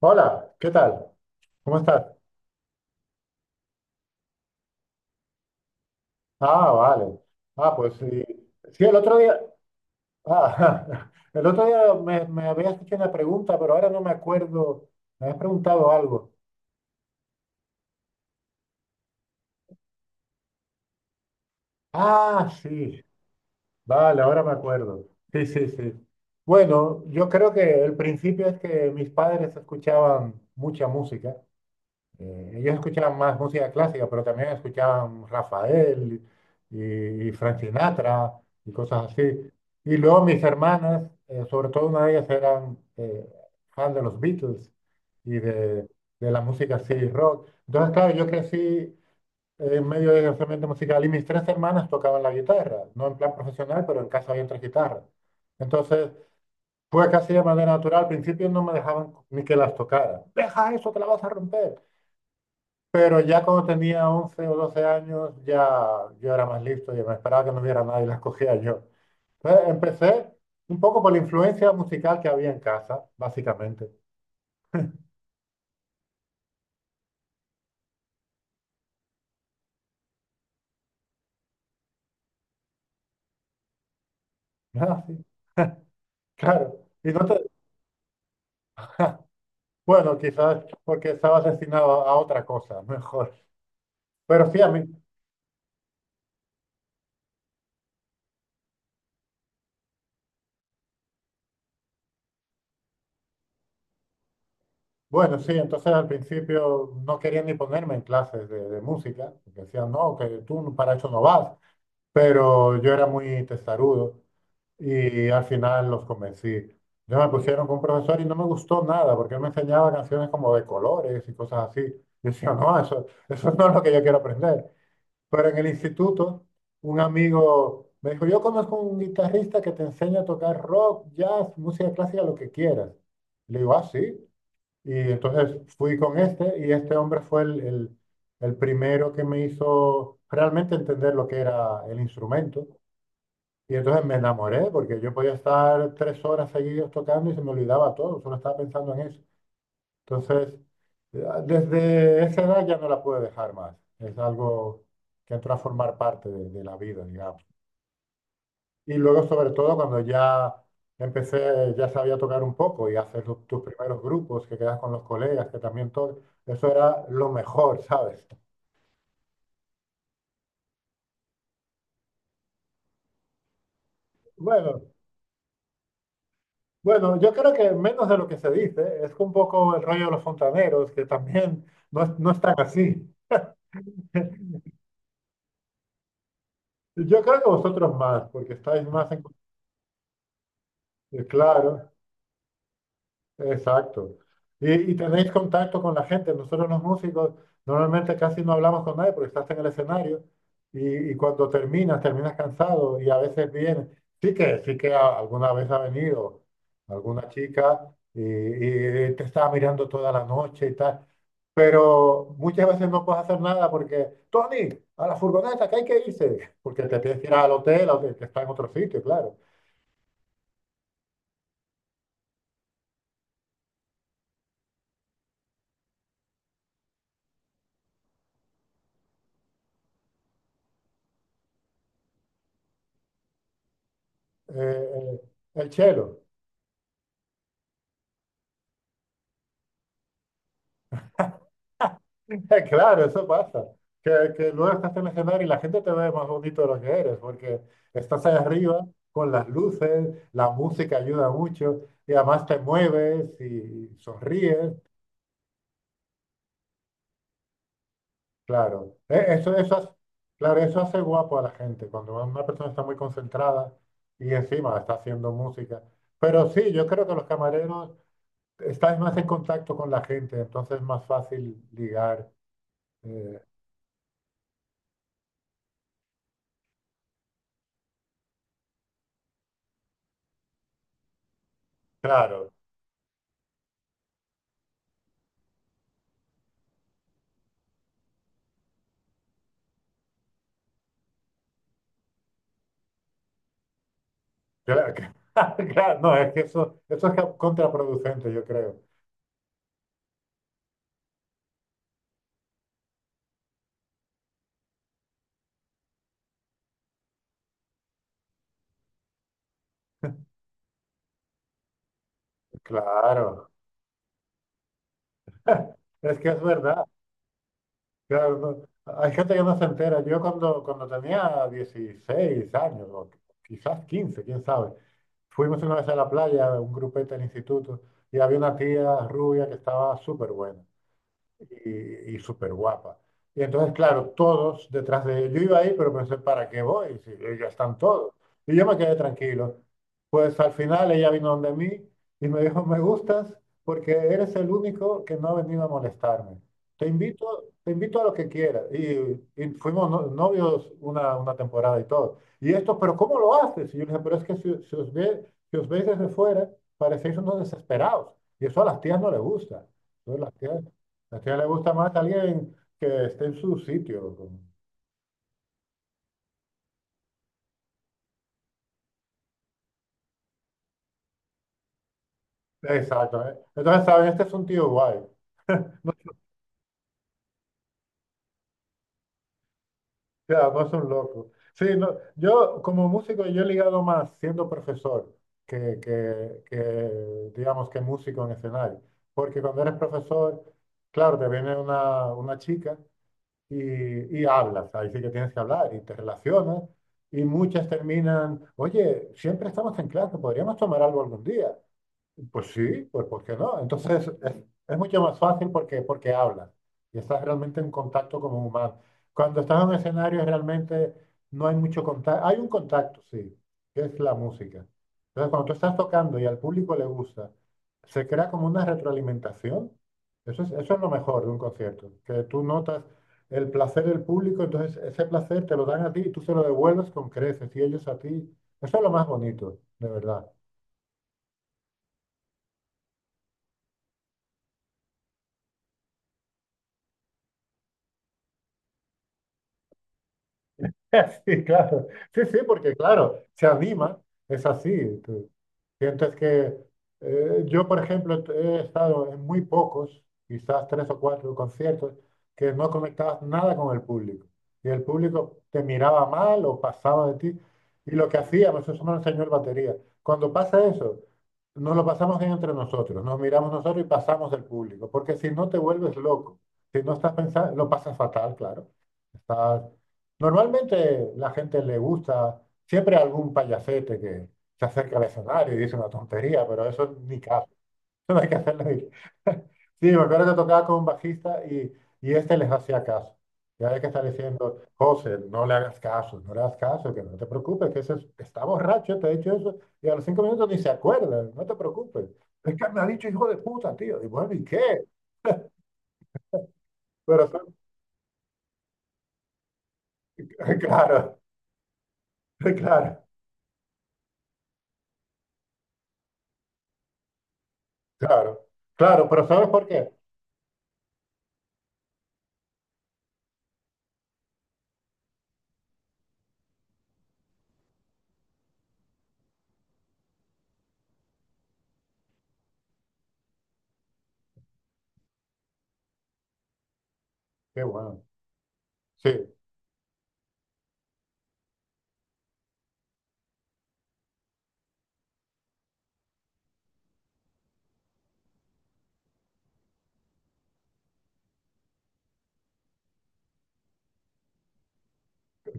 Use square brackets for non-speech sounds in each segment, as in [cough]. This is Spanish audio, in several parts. Hola, ¿qué tal? ¿Cómo estás? Ah, vale. Ah, pues sí. Sí, el otro día, [laughs] el otro día me habías hecho una pregunta, pero ahora no me acuerdo. Me habías preguntado algo. Ah, sí. Vale, ahora me acuerdo. Sí, sí, sí. Bueno, yo creo que el principio es que mis padres escuchaban mucha música. Ellos escuchaban más música clásica, pero también escuchaban Rafael y, y Frank Sinatra y cosas así. Y luego mis hermanas, sobre todo una de ellas, eran fan de los Beatles y de, de la música así, rock. Entonces, claro, yo crecí en medio de ese ambiente musical y mis tres hermanas tocaban la guitarra, no en plan profesional, pero en casa había tres guitarras. Entonces, fue casi de manera natural. Al principio no me dejaban ni que las tocara. Deja eso, te la vas a romper. Pero ya cuando tenía 11 o 12 años, ya yo era más listo y me esperaba que no hubiera nadie, las cogía yo. Entonces, empecé un poco por la influencia musical que había en casa, básicamente. [laughs] Ah, sí, claro. Y no te... [laughs] Bueno, quizás porque estaba destinado a otra cosa, [laughs] mejor. Pero sí, a mí, bueno, sí, entonces al principio no querían ni ponerme en clases de música, porque decían, no, que tú para eso no vas. Pero yo era muy testarudo y al final los convencí. Ya me pusieron con un profesor y no me gustó nada porque él me enseñaba canciones como de colores y cosas así. [laughs] Y decía, no, eso no es lo que yo quiero aprender. Pero en el instituto, un amigo me dijo, yo conozco un guitarrista que te enseña a tocar rock, jazz, música clásica, lo que quieras. Le digo, ah, sí. Y entonces fui con este y este hombre fue el primero que me hizo realmente entender lo que era el instrumento. Y entonces me enamoré porque yo podía estar tres horas seguidos tocando y se me olvidaba todo, solo estaba pensando en eso. Entonces, desde esa edad ya no la pude dejar más. Es algo que entró a formar parte de la vida, digamos. Y luego, sobre todo, cuando ya empecé, ya sabía tocar un poco y hacer tus primeros grupos, que quedas con los colegas, que también todo, eso era lo mejor, [laughs] ¿sabes? Bueno, bueno, yo creo que menos de lo que se dice, es un poco el rollo de los fontaneros, que también no, no están así. [laughs] Yo creo que vosotros más, porque estáis más en... Claro. Exacto. Y tenéis contacto con la gente. Nosotros los músicos normalmente casi no hablamos con nadie porque estás en el escenario y cuando terminas, terminas cansado y a veces viene. Sí que alguna vez ha venido alguna chica y te estaba mirando toda la noche y tal. Pero muchas veces no puedes hacer nada porque, Tony, a la furgoneta, que hay que irse. Porque te tienes que ir al hotel, que está en otro sitio, claro. Eh, eh, el chelo. [laughs] Claro, eso pasa. Que luego estás en el escenario y la gente te ve más bonito de lo que eres, porque estás ahí arriba con las luces, la música ayuda mucho y además te mueves y sonríes. Claro, claro, eso hace guapo a la gente cuando una persona está muy concentrada y encima está haciendo música. Pero sí, yo creo que los camareros estás más en contacto con la gente, entonces es más fácil ligar. eh, claro. Claro, que- [laughs] claro, no, es que eso, contraproducente, yo creo. Claro, es que es verdad. Claro, no- hay gente que no se entera. Yo cuando tenía 16 años, o quizás 15 quién sabe, fuimos una vez a la playa, un grupete del instituto, y había una tía rubia que estaba súper buena. Y súper guapa. Y entonces, claro, todos detrás de ellos. Yo iba ahí, pero pensé, ¿para qué voy? Si ya están todos. Y yo me quedé tranquilo. Pues al final ella vino donde mí y me dijo, me gustas porque eres el único que no ha venido a molestarme. Te invito, te invito a lo que quieras. Y fuimos novios una temporada y todo. Y esto, pero ¿cómo lo haces? Y yo le dije, pero es que si os ve, si os veis desde fuera, parecéis unos desesperados. Y eso a las tías no les gusta. Entonces, las tías es que le gusta más a alguien que esté en su sitio. Exacto, ¿eh? Entonces, saben Este es un tío guay. Ya, no es un loco. Sí, no, yo como músico, yo he ligado más siendo profesor que, digamos, que músico en escenario. Porque cuando eres profesor, claro, te viene una chica y hablas. Ahí sí que tienes que hablar y te relacionas. Y muchas terminan, oye, siempre estamos en clase, podríamos tomar algo algún día. Pues sí, pues ¿por qué no? Entonces es mucho más fácil porque hablas y estás realmente en contacto como un humano. Cuando estás en un escenario realmente no hay mucho contacto, hay un contacto, sí, que es la música. Entonces cuando tú estás tocando y al público le gusta, se crea como una retroalimentación. Eso es lo mejor de un concierto, que tú notas el placer del público, entonces ese placer te lo dan a ti y tú se lo devuelves con creces y ellos a ti. Eso es lo más bonito, de verdad. [laughs] Sí, claro. Sí, sí, porque claro, se anima, es así. Tú sientes que yo, por ejemplo, he estado en muy pocos, quizás tres o cuatro conciertos, que no conectabas nada con el público. Y el público te miraba mal o pasaba de ti. Y lo que hacíamos, eso me lo enseñó el batería. Cuando pasa eso, nos lo pasamos bien entre nosotros, nos miramos nosotros y pasamos del público. Porque si no te vuelves loco, si no estás pensando, lo pasas fatal, claro. Estás Normalmente la gente le gusta siempre algún payasete que se acerca al escenario y dice una tontería, pero eso ni caso. Eso no hay que hacerlo. [laughs] Sí, me acuerdo que tocaba con un bajista y este les hacía caso. Ya había que estar diciendo, José, no le hagas caso, no le hagas caso, que no te preocupes, que está borracho, te ha dicho eso, y a los cinco minutos ni se acuerda, no te preocupes. Es que me ha dicho hijo de puta, tío. Y bueno, ¿y qué? Pero, son- [laughs] claro, [laughs] claro, claro, claro, pero ¿sabes por qué? Qué bueno. Sí,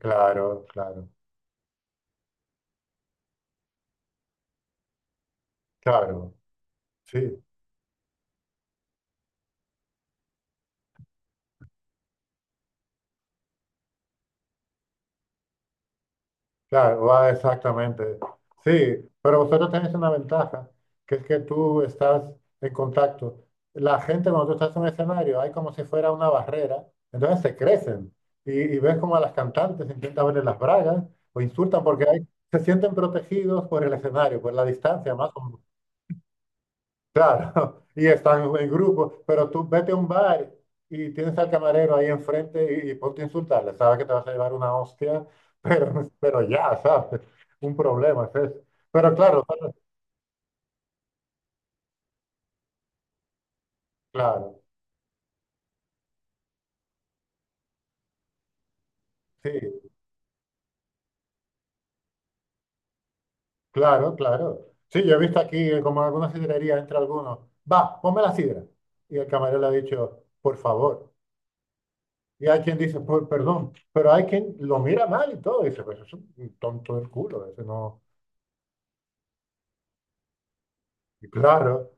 claro, claro, claro, sí, claro, va exactamente. Sí, pero vosotros tenéis una ventaja, que es que tú estás en contacto. La gente cuando tú estás en un escenario hay como si fuera una barrera, entonces se crecen y ves como a las cantantes intentan verle las bragas o insultan porque se sienten protegidos por el escenario, por la distancia más. Claro, [laughs] y están en grupo, pero tú vete a un bar y tienes al camarero ahí enfrente y ponte a insultarle, sabes que te vas a llevar una hostia, pero, [laughs] pero ya, ¿sabes? Un problema es eso. Pero claro, sí, claro. Sí, yo he visto aquí como en alguna sidrería entre algunos, va, ponme la sidra. Y el camarero le ha dicho, por favor. Y hay quien dice, por perdón, pero hay quien lo mira mal y todo, y dice, pues es un tonto del culo, ese no. Y claro.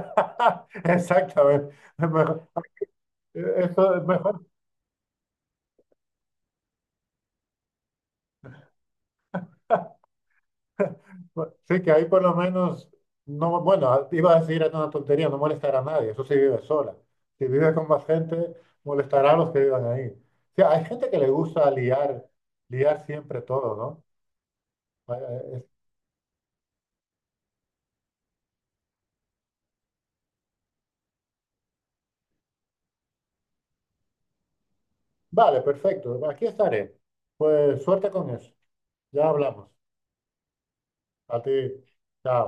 [laughs] Exactamente. Mejor, eso es mejor. Sí, que ahí por lo menos, no, bueno, iba a decir era una tontería, no molestar a nadie, eso sí vive sola. Si vive con más gente, molestará a los que vivan ahí. O sea, hay gente que le gusta liar, liar siempre todo, ¿no? Vale, perfecto, aquí estaré. Pues suerte con eso. Ya hablamos. A ti, chao.